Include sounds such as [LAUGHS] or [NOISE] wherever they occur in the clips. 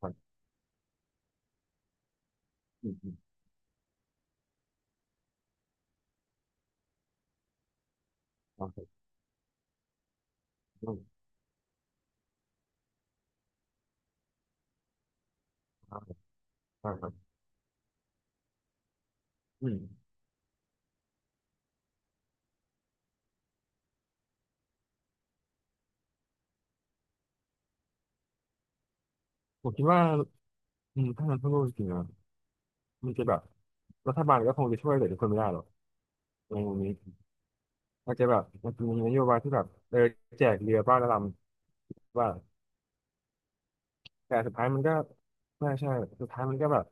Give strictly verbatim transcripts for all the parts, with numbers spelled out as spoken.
ครับอืมอืมโอเครผมครับครัครับอืมผมคิดว่าอืมถ้ามันทั่วโลกจริงๆอะมันจะแบบรัฐบาลก็คงจะช่วยเหลือทุกคนไม่ได้หรอกในมุมนี้อาจจะแบบมันจะมีนโยบายที่แบบเออแจกเรือบ้านละลำว่าแต่สุดท้ายมันก็ใช่ใช่สุดท้ายมันก็แบบ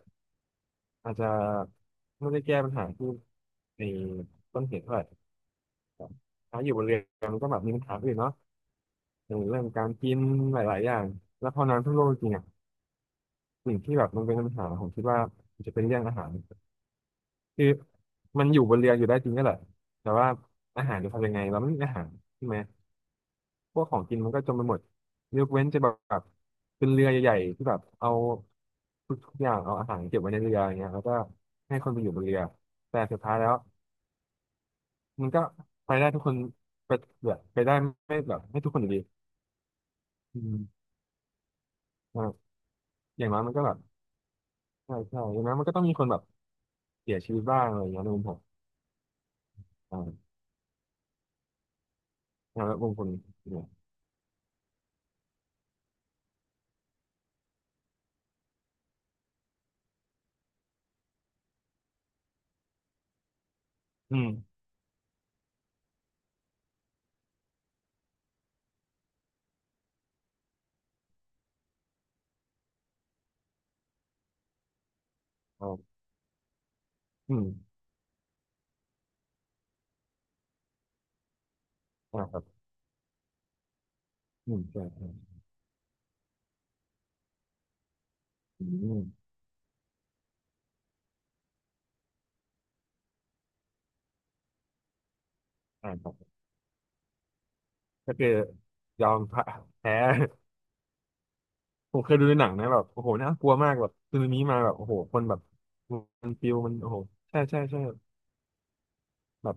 อาจจะไม่ได้แก้ปัญหาที่ในต้นเหตุเท่าไหร่ถ้าอยู่บนเรือมันก็แบบมีปัญหาอื่นเนาะอย่างเรื่องการกินหลายๆอย่างแล้วพอน้ำท่วมโลกจริงๆอะสิ่งที่แบบมันเป็นปัญหาผมคิดว่ามันจะเป็นเรื่องอาหาร คือมันอยู่บนเรืออยู่ได้จริงก็แหละแต่ว่าอาหารจะทำยังไงเราไม่มีอาหารใช่ไหมพวกของกินมันก็จมไปหมดยกเว้นจะแบบเป็นเรือใหญ่ๆที่แบบเอาทุกทุกอย่างเอาอาหารเก็บไว้ในเรืออย่างเงี้ยแล้วก็ให้คนไปอยู่บนเรือแต่สุดท้ายแล้วมันก็ไปได้ทุกคนไปแบบไปได้ไม่แบบไม่ทุกคนอยู่ดีอืมอ่ะอย่างน้อยมันก็แบบใช่ใช่อย่างน้อยมันก็ต้องมีคนแบบเสียชีวิตบ้างอะไรอย่างเงี้ยในมุมผมอ่าแล้วมุมคนเนี่ยอืมอ่าอืมอ่าครับ อืมใช่ใช่อืมอ่าครับก็คือยอมแพ้ [LAUGHS] ผมเคยดูในหนังนะแบบโอ้โหน่ากลัวมากแบบซึนามิมาแบบโอ้โหคนแบบมันฟิวมันโอ้โหใช่ใช่ใช่แบบ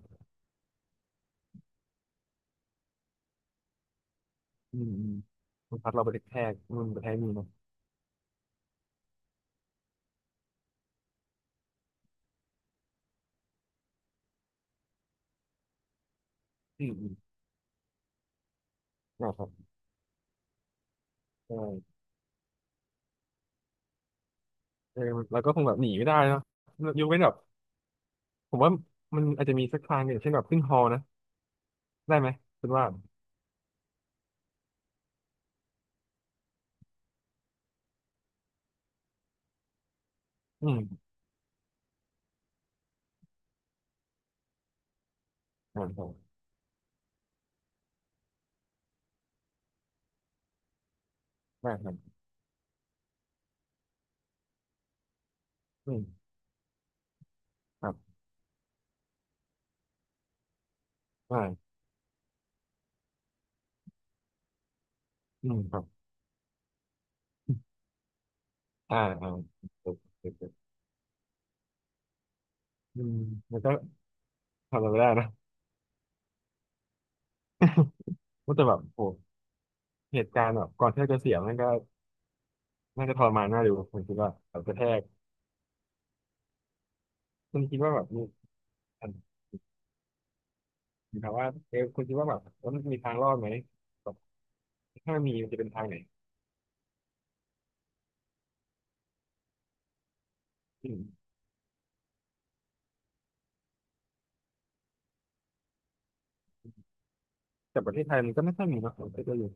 อืมอืมมันพัดเราไปกระแทกมั่นกระแทกนี่เนาะอืมอืมนะครับใช่เออเราก็คงแบบหนีไม่ได้เนาะยกเว้นแบบผมว่ามันอาจจะมีสักทางหนึ่งเช่นแบบขึ้นฮอนะได้ไหมคุณว่าอืมอ่าครับได้ครับอืมครับได้อืมครับอ่าอ่าโอเคโอเคอืมแล้วก็ ทำอะไรไม่ได้นะว่าแต่แบบโหเหตุการณ์แบบก่อนที่เราจะเสียมันก็น่าจะทรมานน่าดูผมคิดว่าแบบกระแทกคุณคิดว่าแบบมีอันถามว่าเออคุณคิดว่าแบบว่ามันมีทางรอดไหมแบบถ้ามีมันจะเป็นทางไหนอืมแต่ประเทศไทยมันก็ไม่ค่อยมีนะผมคิดว่าอยู่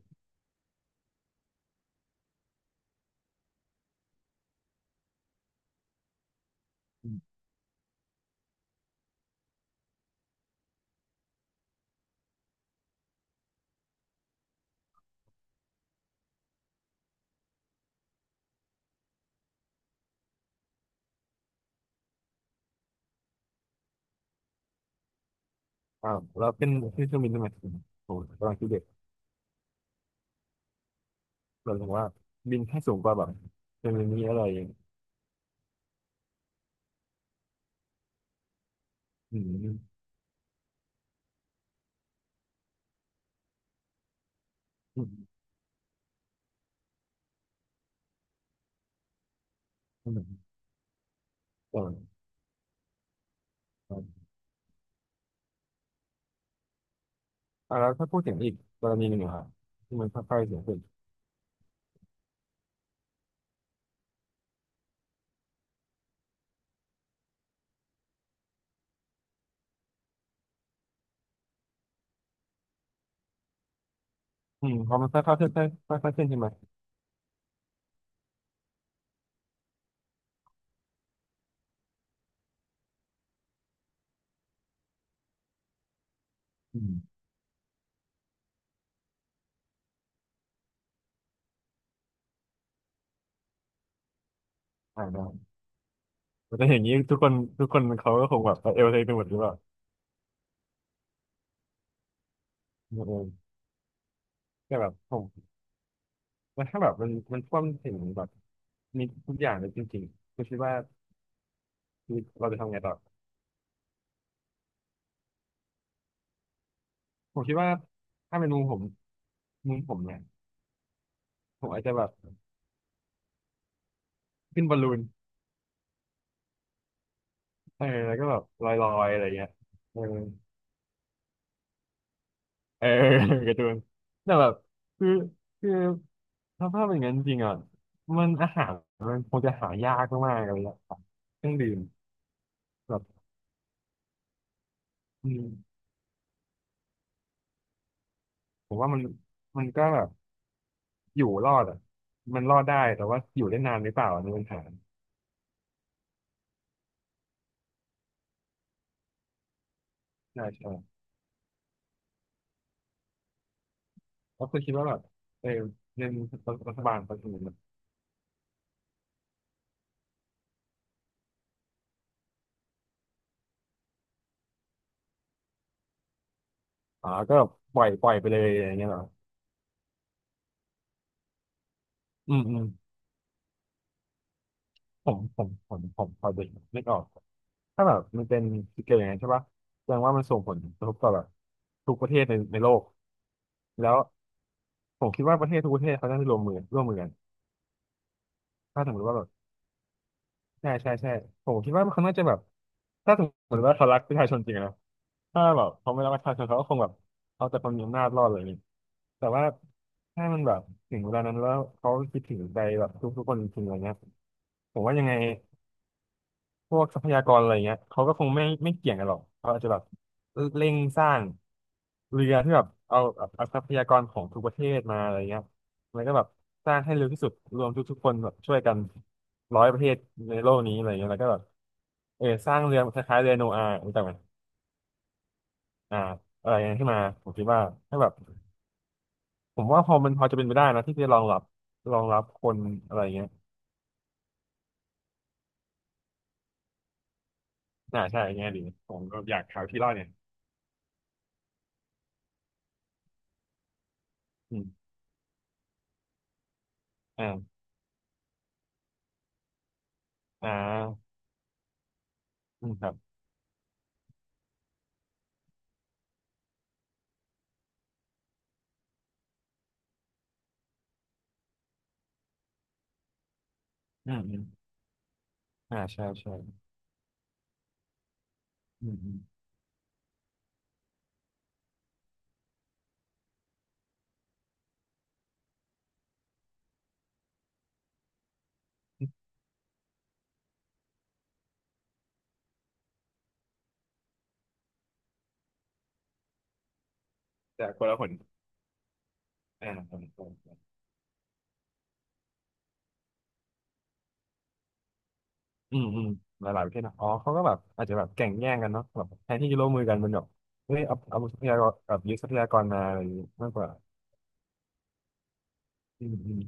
อืมอ่าวเราเป็นที่เครื่องบินทำไมโอ้โหกำลังคิดเด็กเราถึงว่าบินแค่สูงกว่าแบบจะมีนี้อะไรอย่างอืมอืมอืมอืมอ่าอ่าแล้วถ้าพูดถึงอีกกรณีหนึ่งอะครับที่มันค่อยๆเสียงขึ้นอืมพอมันค่อยๆขึ้นค่อยๆขึ้นใช่ไหม อืมอ่าได้แต่อย่างนี้ทุกคนทุกคนเขาก็คงแบบไปเอลเทคไปหมดหรือเปล่าเออแต่แบบผมมันถ้าแบบมันมันท่วมถึงแบบมีทุกอย่างเลยจริงๆคุณคิดว่าชีวิตเราจะทำไงต่อผมคิดว่าถ้าเป็นมุมผมมุมผมเนี่ยผมอาจจะแบบขึ้นบอลลูนเออแล้วก็แบบลอยๆอะไรเงี้ยเออเออ [LAUGHS] การ์ตูนแต่แบบคือคือถ้าภาพเป็นอย่างนั้นจริงอ่ะมันอาหารมันคงจะหายากมากๆอะไรเลยอะเครื่องดื่มแบบอืม ผมว่ามันมันก็แบบอยู่รอดอ่ะมันรอดได้แต่ว่าอยู่ได้นานหรือเปล่าอันนี้เป็นปัญหาใช่ใช่แล้วคือคิดว่าแบบเออเงินรัฐบาลเขาถึงอ๋อก็ปล่อยปล่อยไปเลยอย่างเงี้ยเหรออืมอืมผมผมผมผมพอเด็กนึกออกถ้าแบบมันเป็นสเกลอย่างนั้นใช่ปะแสดงว่ามันส่งผลกระทบต่อแบบทุกประเทศในในโลกแล้วผมคิดว่าประเทศทุกประเทศเขาน่าจะร่วมมือร่วมมือกันถ้าสมมติว่าแบบ ใช่ใช่ใช่ผมคิดว่าเขาน่าจะแบบถ้าสมมติว่าเขารักประชาชนจริงอะนะถ้าแบบเขาไม่รักประชาชนเขาก็คงแบบเอาแต่ความมีอำนาจรอดเลยนี่แต่ว่าถ้ามันแบบถึงเวลานั้นแล้วเขาคิดถึงใจแบบทุกๆคนจริงๆอะไรเงี้ยผมว่ายังไง พวกทรัพยากรอะไรเงี้ยเขาก็คงไม่ไม่เกี่ยงกันหรอกเขาอาจจะแบบเร่งสร้างเรือที่แบบเอาเอาทรัพยากรของทุกประเทศมาอะไรเงี้ยแล้วก็แบบสร้างให้เร็วที่สุดรวมทุกทุกคนแบบช่วยกันร้อยประเทศในโลกนี้อะไรเงี้ยแล้วก็แบบเออสร้างเรือคล้ายๆเรือโนอาห์รู้จักไหมอ่าอะไรเงี้ยขึ้นมาผมคิดว่าถ้าแบบผมว่าพอมันพอจะเป็นไปได้นะที่จะรองรับรองรับคนอะไรเงี้ยอ่าใช่เงี้ยดีผมก็อยากหาวที่รอดเนี่ยอืมอ่าอ่าอืมครับอืม อ่าใช่ใช่อืมอืมแต่คนละคนอ่าคนละคนอืมอืมหลายๆประเทศนะอ๋อเขาก็แบบอาจจะแบบแข่งแย่งกันเนาะแบบแทนที่จะร่วมมือกันมันแบบเฮ้ยเอาเอาทรัพยากรแบบยึดทรัพยากรมาอะไรอย่างงี้มากกว่าอืมอืม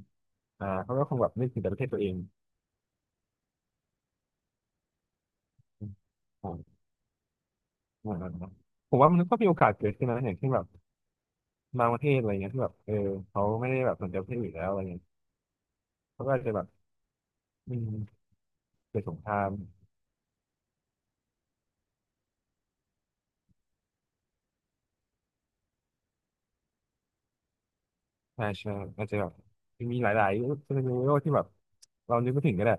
อ่าเขาก็คงแบบนึกถึงแต่ประเทศตัวเองอืมอ๋ออ่าอ่าอ่าผมว่ามันก็มีโอกาสเกิดขึ้นนะอย่างเช่นแบบบางประเทศอะไรเงี้ยที่แบบเออเขาไม่ได้แบบสนใจประเทศอื่นแล้วอะไรเงี้ยเขาก็อาจจะแบบอืมเกิดสงครามอ่าใช่อาจจะแบบมีหลายๆซีนาริโอที่แบบเรานึกไม่ถึงก็ได้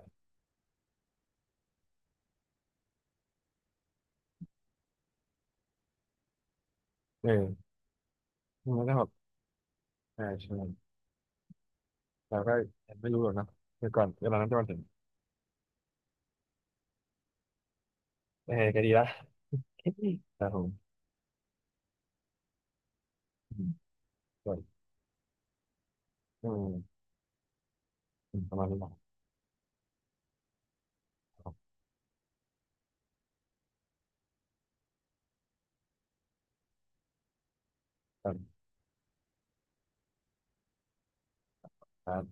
เออมันก็แบบ ใช่ใช่เราก็ยังไม่รู้หรอกเนาะเมื่อก่อนเวลานั้นจะมาถึงเออก็ดีละ [LAUGHS] ครับผมอืมส่วนอืมอืมประมาณนี้แหละครับครับ